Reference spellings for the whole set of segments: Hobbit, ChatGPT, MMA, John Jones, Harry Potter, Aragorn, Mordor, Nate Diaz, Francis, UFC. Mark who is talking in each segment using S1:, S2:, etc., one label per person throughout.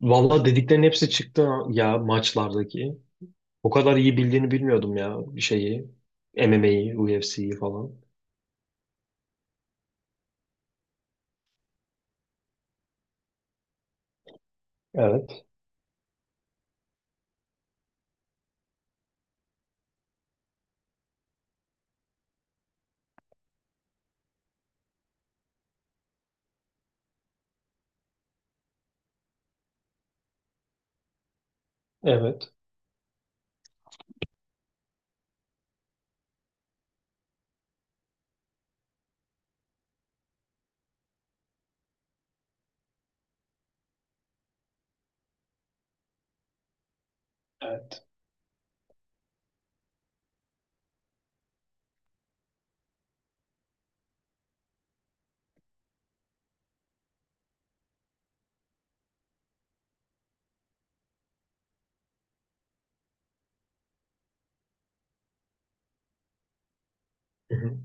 S1: Valla dediklerin hepsi çıktı ya maçlardaki. O kadar iyi bildiğini bilmiyordum ya şeyi. MMA'yi, UFC'yi falan. Evet. Evet. Evet. Hı hı.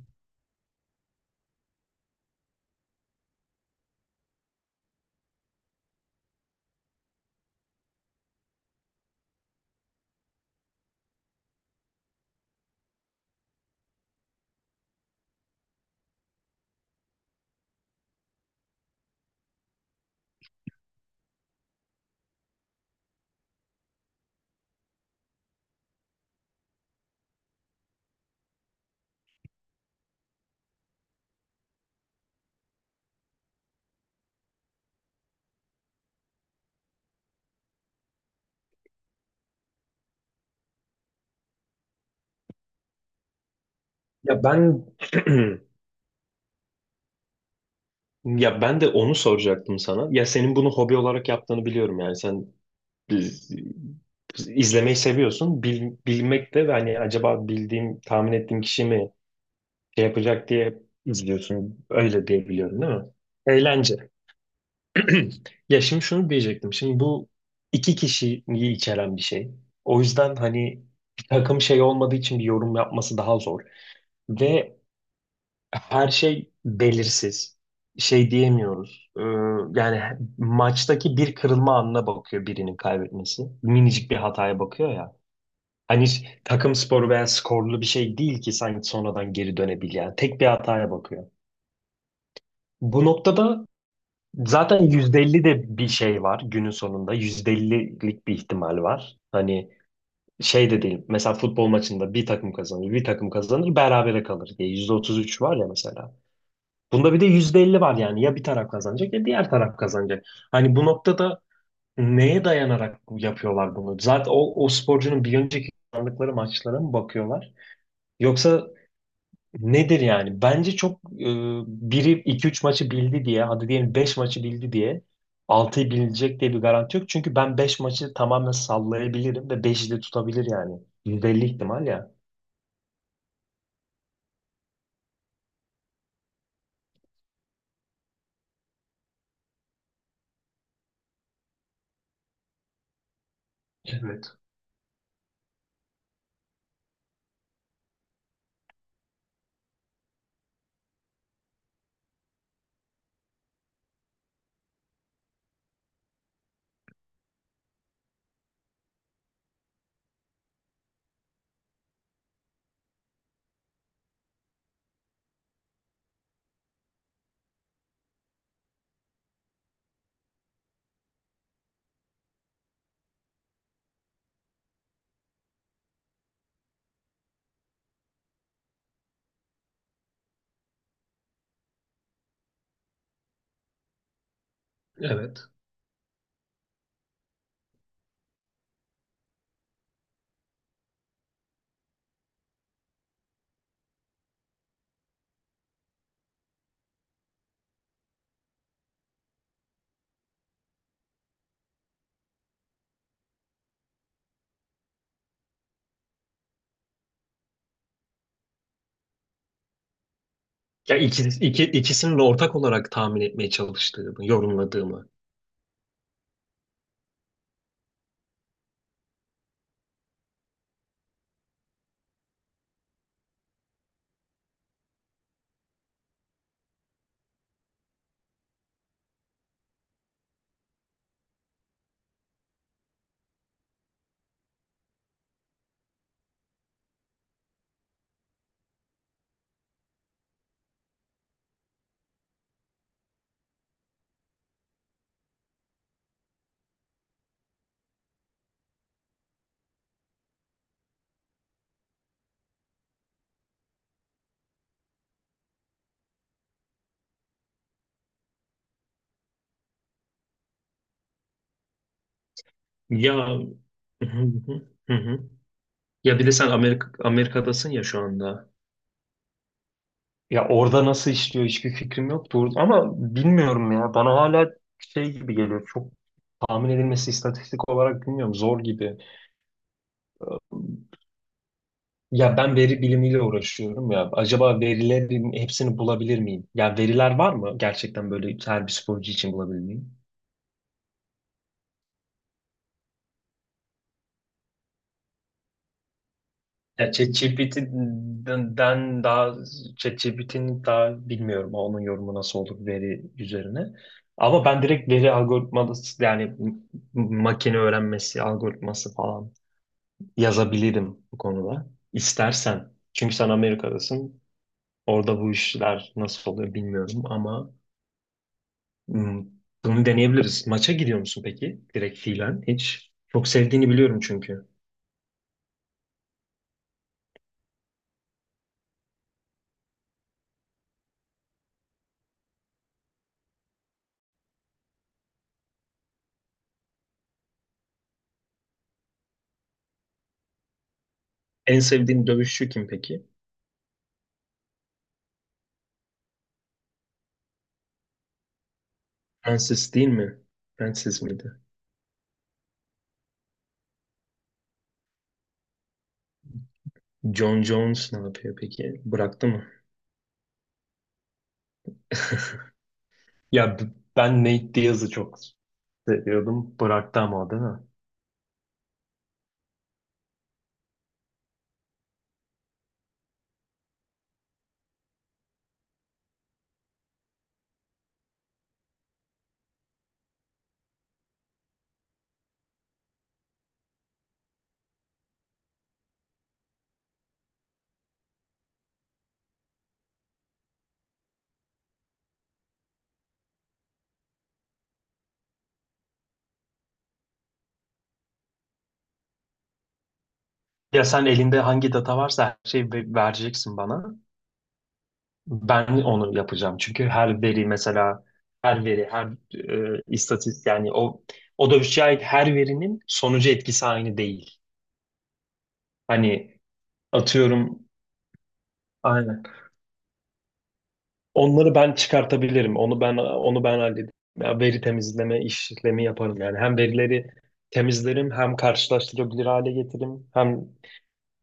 S1: Ya ben ya ben de onu soracaktım sana. Ya senin bunu hobi olarak yaptığını biliyorum yani sen biz- izlemeyi seviyorsun. Bilmek de hani acaba bildiğim, tahmin ettiğim kişi mi şey yapacak diye izliyorsun. Öyle diye biliyorum değil mi? Eğlence. Ya şimdi şunu diyecektim. Şimdi bu iki kişiyi içeren bir şey. O yüzden hani bir takım şey olmadığı için bir yorum yapması daha zor. Ve her şey belirsiz. Şey diyemiyoruz. Yani maçtaki bir kırılma anına bakıyor birinin kaybetmesi. Minicik bir hataya bakıyor ya. Hani hiç takım sporu veya skorlu bir şey değil ki sanki sonradan geri dönebilen. Tek bir hataya bakıyor. Bu noktada zaten %50 de bir şey var günün sonunda. %50'lik bir ihtimal var. Hani şey de değil. Mesela futbol maçında bir takım kazanır, bir takım kazanır, berabere kalır diye. Yüzde otuz üç var ya mesela. Bunda bir de %50 var yani. Ya bir taraf kazanacak ya diğer taraf kazanacak. Hani bu noktada neye dayanarak yapıyorlar bunu? Zaten o sporcunun bir önceki kazandıkları maçlara mı bakıyorlar? Yoksa nedir yani? Bence çok biri iki üç maçı bildi diye, hadi diyelim 5 maçı bildi diye 6'yı bilecek diye bir garanti yok. Çünkü ben 5 maçı tamamen sallayabilirim ve beşi de tutabilir yani. %50 ihtimal ya. Evet, evet. Ya ikisinin de ortak olarak tahmin etmeye çalıştığımı, yorumladığımı. Ya hı hı, hı hı. Ya bir de sen Amerika'dasın ya şu anda. Ya orada nasıl işliyor hiçbir fikrim yok. Doğru. Ama bilmiyorum ya. Bana hala şey gibi geliyor. Çok tahmin edilmesi istatistik olarak bilmiyorum. Zor gibi. Ya ben veri bilimiyle uğraşıyorum ya. Acaba verilerin hepsini bulabilir miyim? Ya veriler var mı? Gerçekten böyle her bir sporcu için bulabilir miyim? Ya ChatGPT'den daha ChatGPT'nin daha bilmiyorum onun yorumu nasıl olur veri üzerine. Ama ben direkt veri algoritması yani makine öğrenmesi algoritması falan yazabilirim bu konuda. İstersen. Çünkü sen Amerika'dasın. Orada bu işler nasıl oluyor bilmiyorum ama hmm, bunu deneyebiliriz. Maça gidiyor musun peki? Direkt fiilen hiç. Çok sevdiğini biliyorum çünkü. En sevdiğin dövüşçü kim peki? Francis değil mi? Francis miydi? John Jones ne yapıyor peki? Bıraktı mı? Ya b- ben Nate Diaz'ı çok seviyordum. Bıraktı ama o değil mi? Ya sen elinde hangi data varsa her şeyi vereceksin bana. Ben onu yapacağım. Çünkü her veri mesela her istatistik yani o dövüşçüye ait her verinin sonucu etkisi aynı değil. Hani atıyorum aynen. Onları ben çıkartabilirim. Onu ben hallederim. Ya veri temizleme işlemi yaparım yani. Hem verileri temizlerim, hem karşılaştırabilir hale getiririm, hem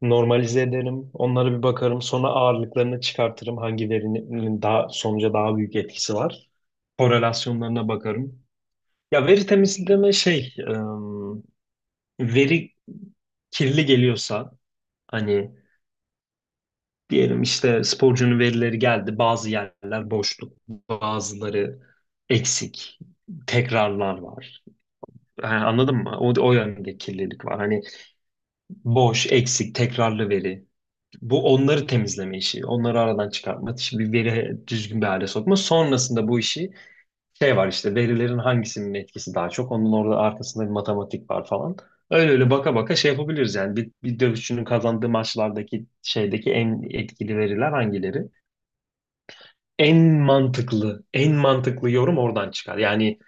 S1: normalize ederim. Onlara bir bakarım. Sonra ağırlıklarını çıkartırım. Hangi verinin daha sonuca daha büyük etkisi var, korelasyonlarına bakarım. Ya veri temizleme şey, veri kirli geliyorsa hani diyelim işte sporcunun verileri geldi, bazı yerler boşluk, bazıları eksik, tekrarlar var. Yani anladın mı? O yönde kirlilik var. Hani boş, eksik, tekrarlı veri. Bu onları temizleme işi, onları aradan çıkartma, işi bir veri düzgün bir hale sokma. Sonrasında bu işi şey var işte verilerin hangisinin etkisi daha çok onun orada arkasında bir matematik var falan. Öyle öyle baka baka şey yapabiliriz yani bir dövüşçünün kazandığı maçlardaki şeydeki en etkili veriler hangileri? En en mantıklı yorum oradan çıkar. Yani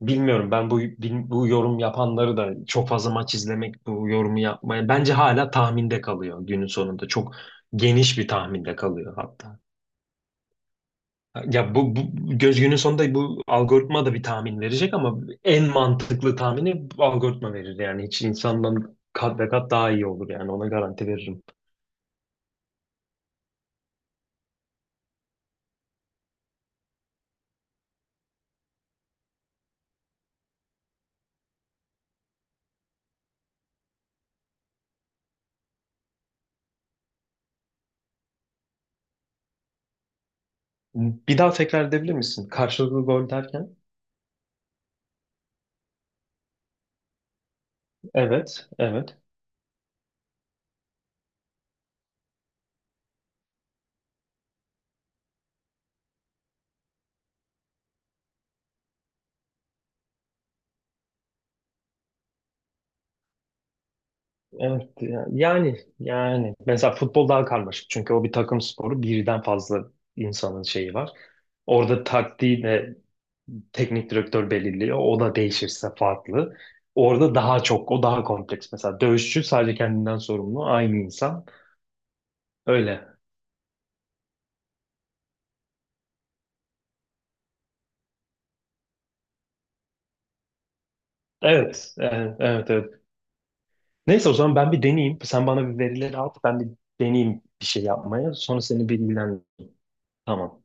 S1: bilmiyorum ben bu yorum yapanları da çok fazla maç izlemek bu yorumu yapmaya bence hala tahminde kalıyor günün sonunda. Çok geniş bir tahminde kalıyor hatta. Ya bu, bu göz günün sonunda bu algoritma da bir tahmin verecek ama en mantıklı tahmini bu algoritma verir. Yani hiç insandan kat ve kat daha iyi olur yani ona garanti veririm. Bir daha tekrar edebilir misin? Karşılıklı gol derken? Evet, evet. Yani, yani mesela futbol daha karmaşık çünkü o bir takım sporu birden fazla insanın şeyi var. Orada taktiği de teknik direktör belirliyor. O da değişirse farklı. Orada daha çok, o daha kompleks. Mesela dövüşçü sadece kendinden sorumlu, aynı insan. Öyle. Evet, Neyse o zaman ben bir deneyeyim. Sen bana bir verileri at, ben bir deneyeyim bir şey yapmaya. Sonra seni bilgilendireyim. Tamam.